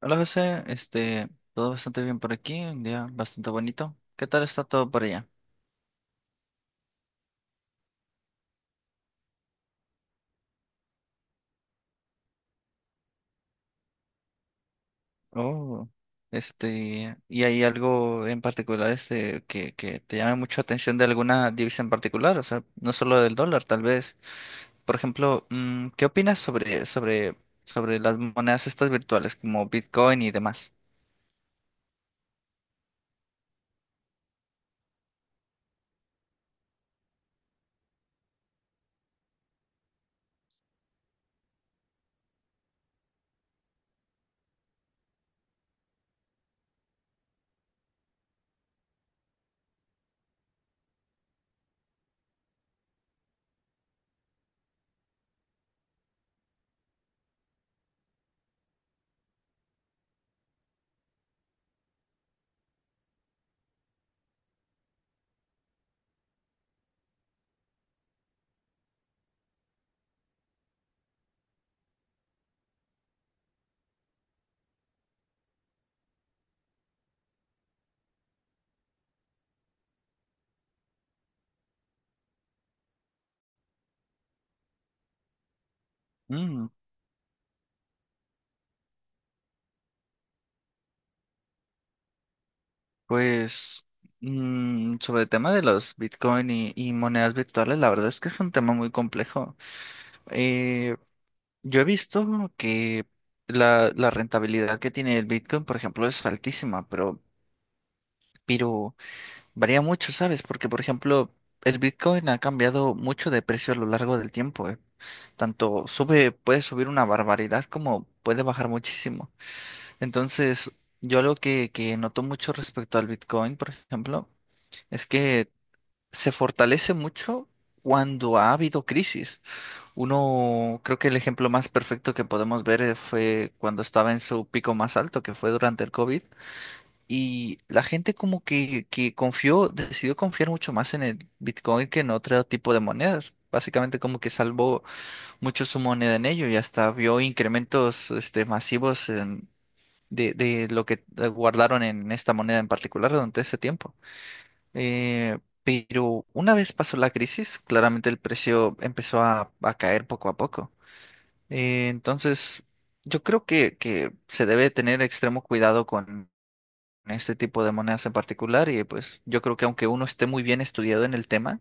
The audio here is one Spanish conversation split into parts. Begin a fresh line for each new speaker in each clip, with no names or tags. Hola José, todo bastante bien por aquí, un día bastante bonito. ¿Qué tal está todo por allá? Oh, ¿y hay algo en particular que te llame mucho la atención de alguna divisa en particular? O sea, no solo del dólar, tal vez. Por ejemplo, ¿qué opinas sobre las monedas estas virtuales como Bitcoin y demás? Mm, pues sobre el tema de los Bitcoin y monedas virtuales, la verdad es que es un tema muy complejo. Eh, Yo he visto que la rentabilidad que tiene el Bitcoin, por ejemplo, es altísima, pero varía mucho, ¿sabes? Porque, por ejemplo, el Bitcoin ha cambiado mucho de precio a lo largo del tiempo, ¿eh? Tanto sube, puede subir una barbaridad como puede bajar muchísimo. Entonces, yo algo que noto mucho respecto al Bitcoin, por ejemplo, es que se fortalece mucho cuando ha habido crisis. Uno, creo que el ejemplo más perfecto que podemos ver fue cuando estaba en su pico más alto, que fue durante el COVID, y la gente como que confió, decidió confiar mucho más en el Bitcoin que en otro tipo de monedas. Básicamente como que salvó mucho su moneda en ello y hasta vio incrementos de lo que guardaron en esta moneda en particular durante ese tiempo. Pero una vez pasó la crisis, claramente el precio empezó a caer poco a poco. Entonces, yo creo que se debe tener extremo cuidado con este tipo de monedas en particular, y pues yo creo que aunque uno esté muy bien estudiado en el tema,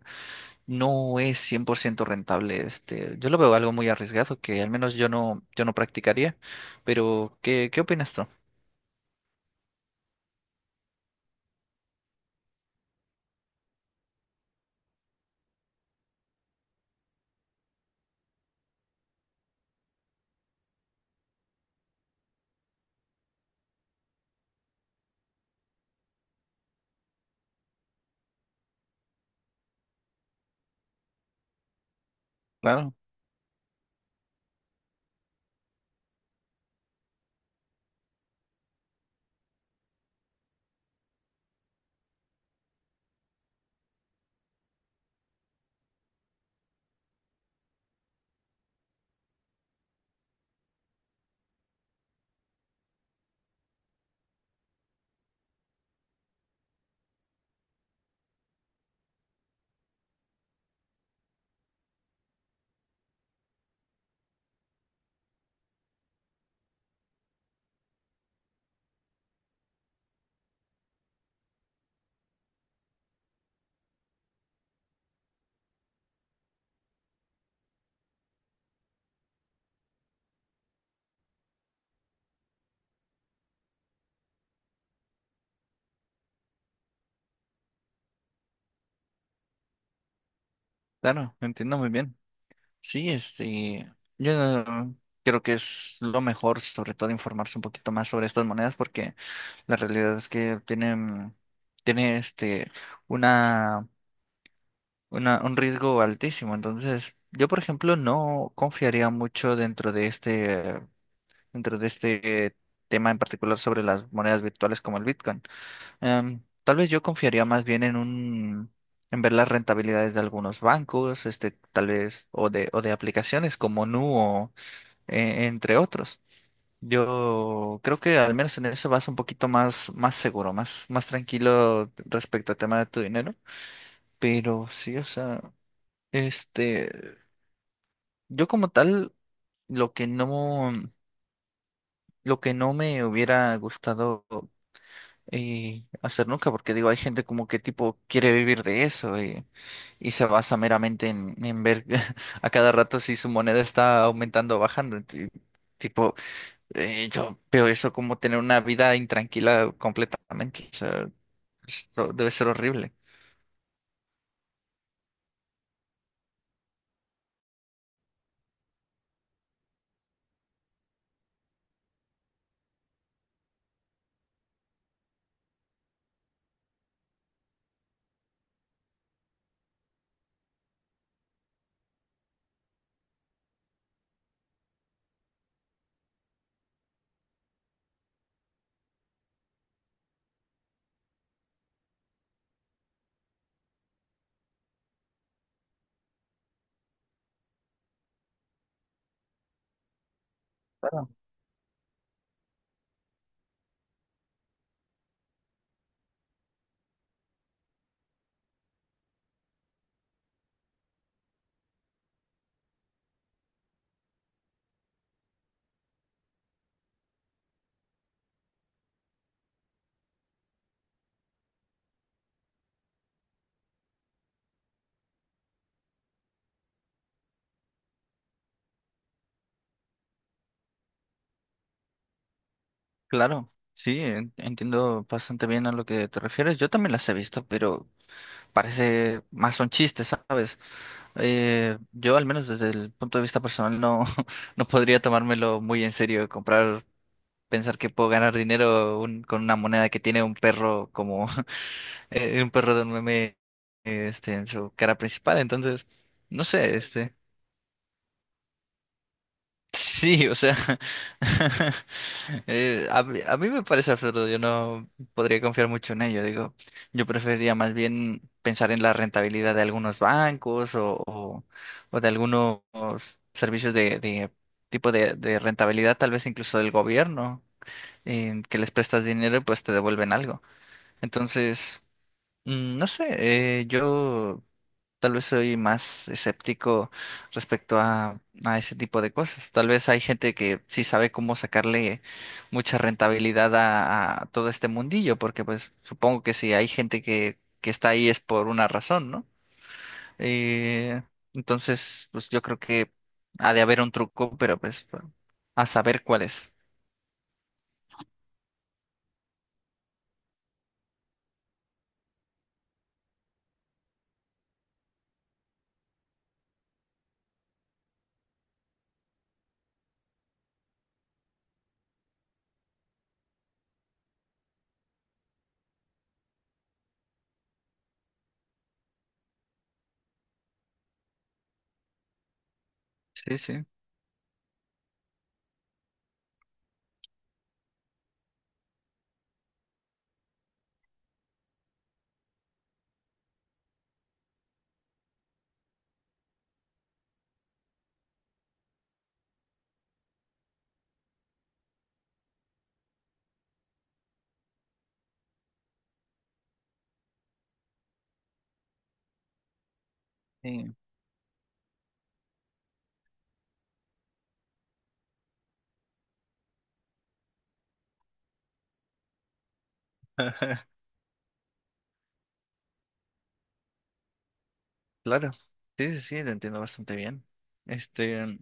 no es 100% rentable. Este, yo lo veo algo muy arriesgado que al menos yo no practicaría. Pero, ¿qué opinas tú? Claro, claro, entiendo muy bien. Sí, este, yo no- creo que es lo mejor, sobre todo, informarse un poquito más sobre estas monedas, porque la realidad es que tiene una, un riesgo altísimo. Entonces, yo, por ejemplo, no confiaría mucho dentro de este tema en particular sobre las monedas virtuales como el Bitcoin. Tal vez yo confiaría más bien en ver las rentabilidades de algunos bancos, este, tal vez, o de aplicaciones como Nu, entre otros. Yo creo que al menos en eso vas un poquito más seguro, más tranquilo respecto al tema de tu dinero. Pero sí, o sea, este, yo como tal, lo que no, lo que no me hubiera gustado hacer nunca, porque digo, hay gente como que tipo quiere vivir de eso y se basa meramente en ver a cada rato si su moneda está aumentando o bajando. Y, tipo, yo veo eso como tener una vida intranquila completamente. O sea, esto debe ser horrible. Claro. Claro, sí, entiendo bastante bien a lo que te refieres. Yo también las he visto, pero parece más son chistes, ¿sabes? Yo al menos desde el punto de vista personal no, no podría tomármelo muy en serio, pensar que puedo ganar dinero con una moneda que tiene un perro como un perro de un meme, este, en su cara principal. Entonces, no sé, este. Sí, o sea, a mí me parece absurdo, yo no podría confiar mucho en ello, digo, yo preferiría más bien pensar en la rentabilidad de algunos bancos o de algunos servicios de tipo de rentabilidad, tal vez incluso del gobierno, en que les prestas dinero y pues te devuelven algo. Entonces, mm, no sé, yo tal vez soy más escéptico respecto a ese tipo de cosas. Tal vez hay gente que sí sabe cómo sacarle mucha rentabilidad a todo este mundillo, porque pues supongo que si hay gente que está ahí es por una razón, ¿no? Eh, entonces, pues yo creo que ha de haber un truco, pero pues bueno, a saber cuál es. Sí, sí, sí, claro. Sí, sí, sí, lo entiendo bastante bien. Este,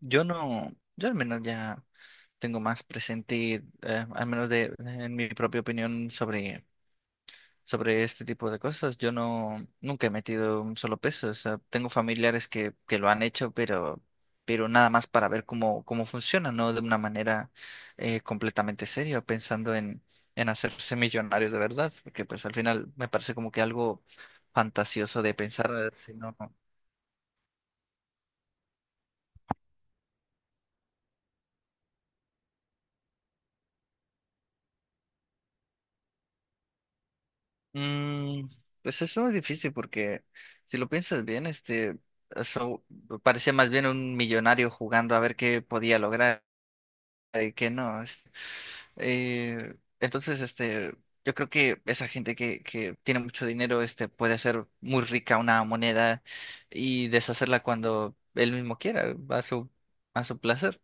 yo no, yo al menos ya tengo más presente, al menos de, en mi propia opinión sobre este tipo de cosas. Yo no, Nunca he metido un solo peso. O sea, tengo familiares que lo han hecho, pero nada más para ver cómo funciona, no de una manera completamente seria, pensando en hacerse millonario de verdad, porque pues al final me parece como que algo fantasioso de pensar, si no. Mm, pues eso es difícil porque si lo piensas bien, este, eso parecía más bien un millonario jugando a ver qué podía lograr y qué no. Eh, este, yo creo que esa gente que tiene mucho dinero, este, puede hacer muy rica una moneda y deshacerla cuando él mismo quiera, a su placer.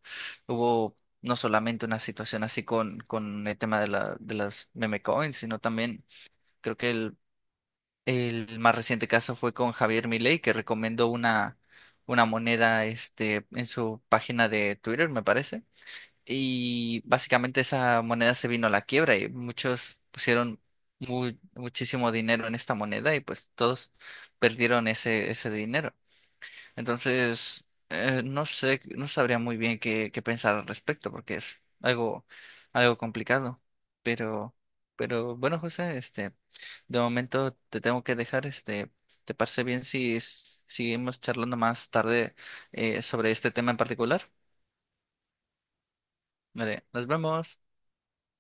Hubo no solamente una situación así con el tema de de las meme coins, sino también creo que el más reciente caso fue con Javier Milei, que recomendó una moneda este, en su página de Twitter, me parece. Y básicamente esa moneda se vino a la quiebra y muchos pusieron muchísimo dinero en esta moneda y pues todos perdieron ese dinero. Entonces, no sé, no sabría muy bien qué pensar al respecto, porque es algo, algo complicado. Pero, pero bueno, José, este, de momento te tengo que dejar, este, ¿te parece bien si seguimos charlando más tarde sobre este tema en particular? Vale, nos vemos.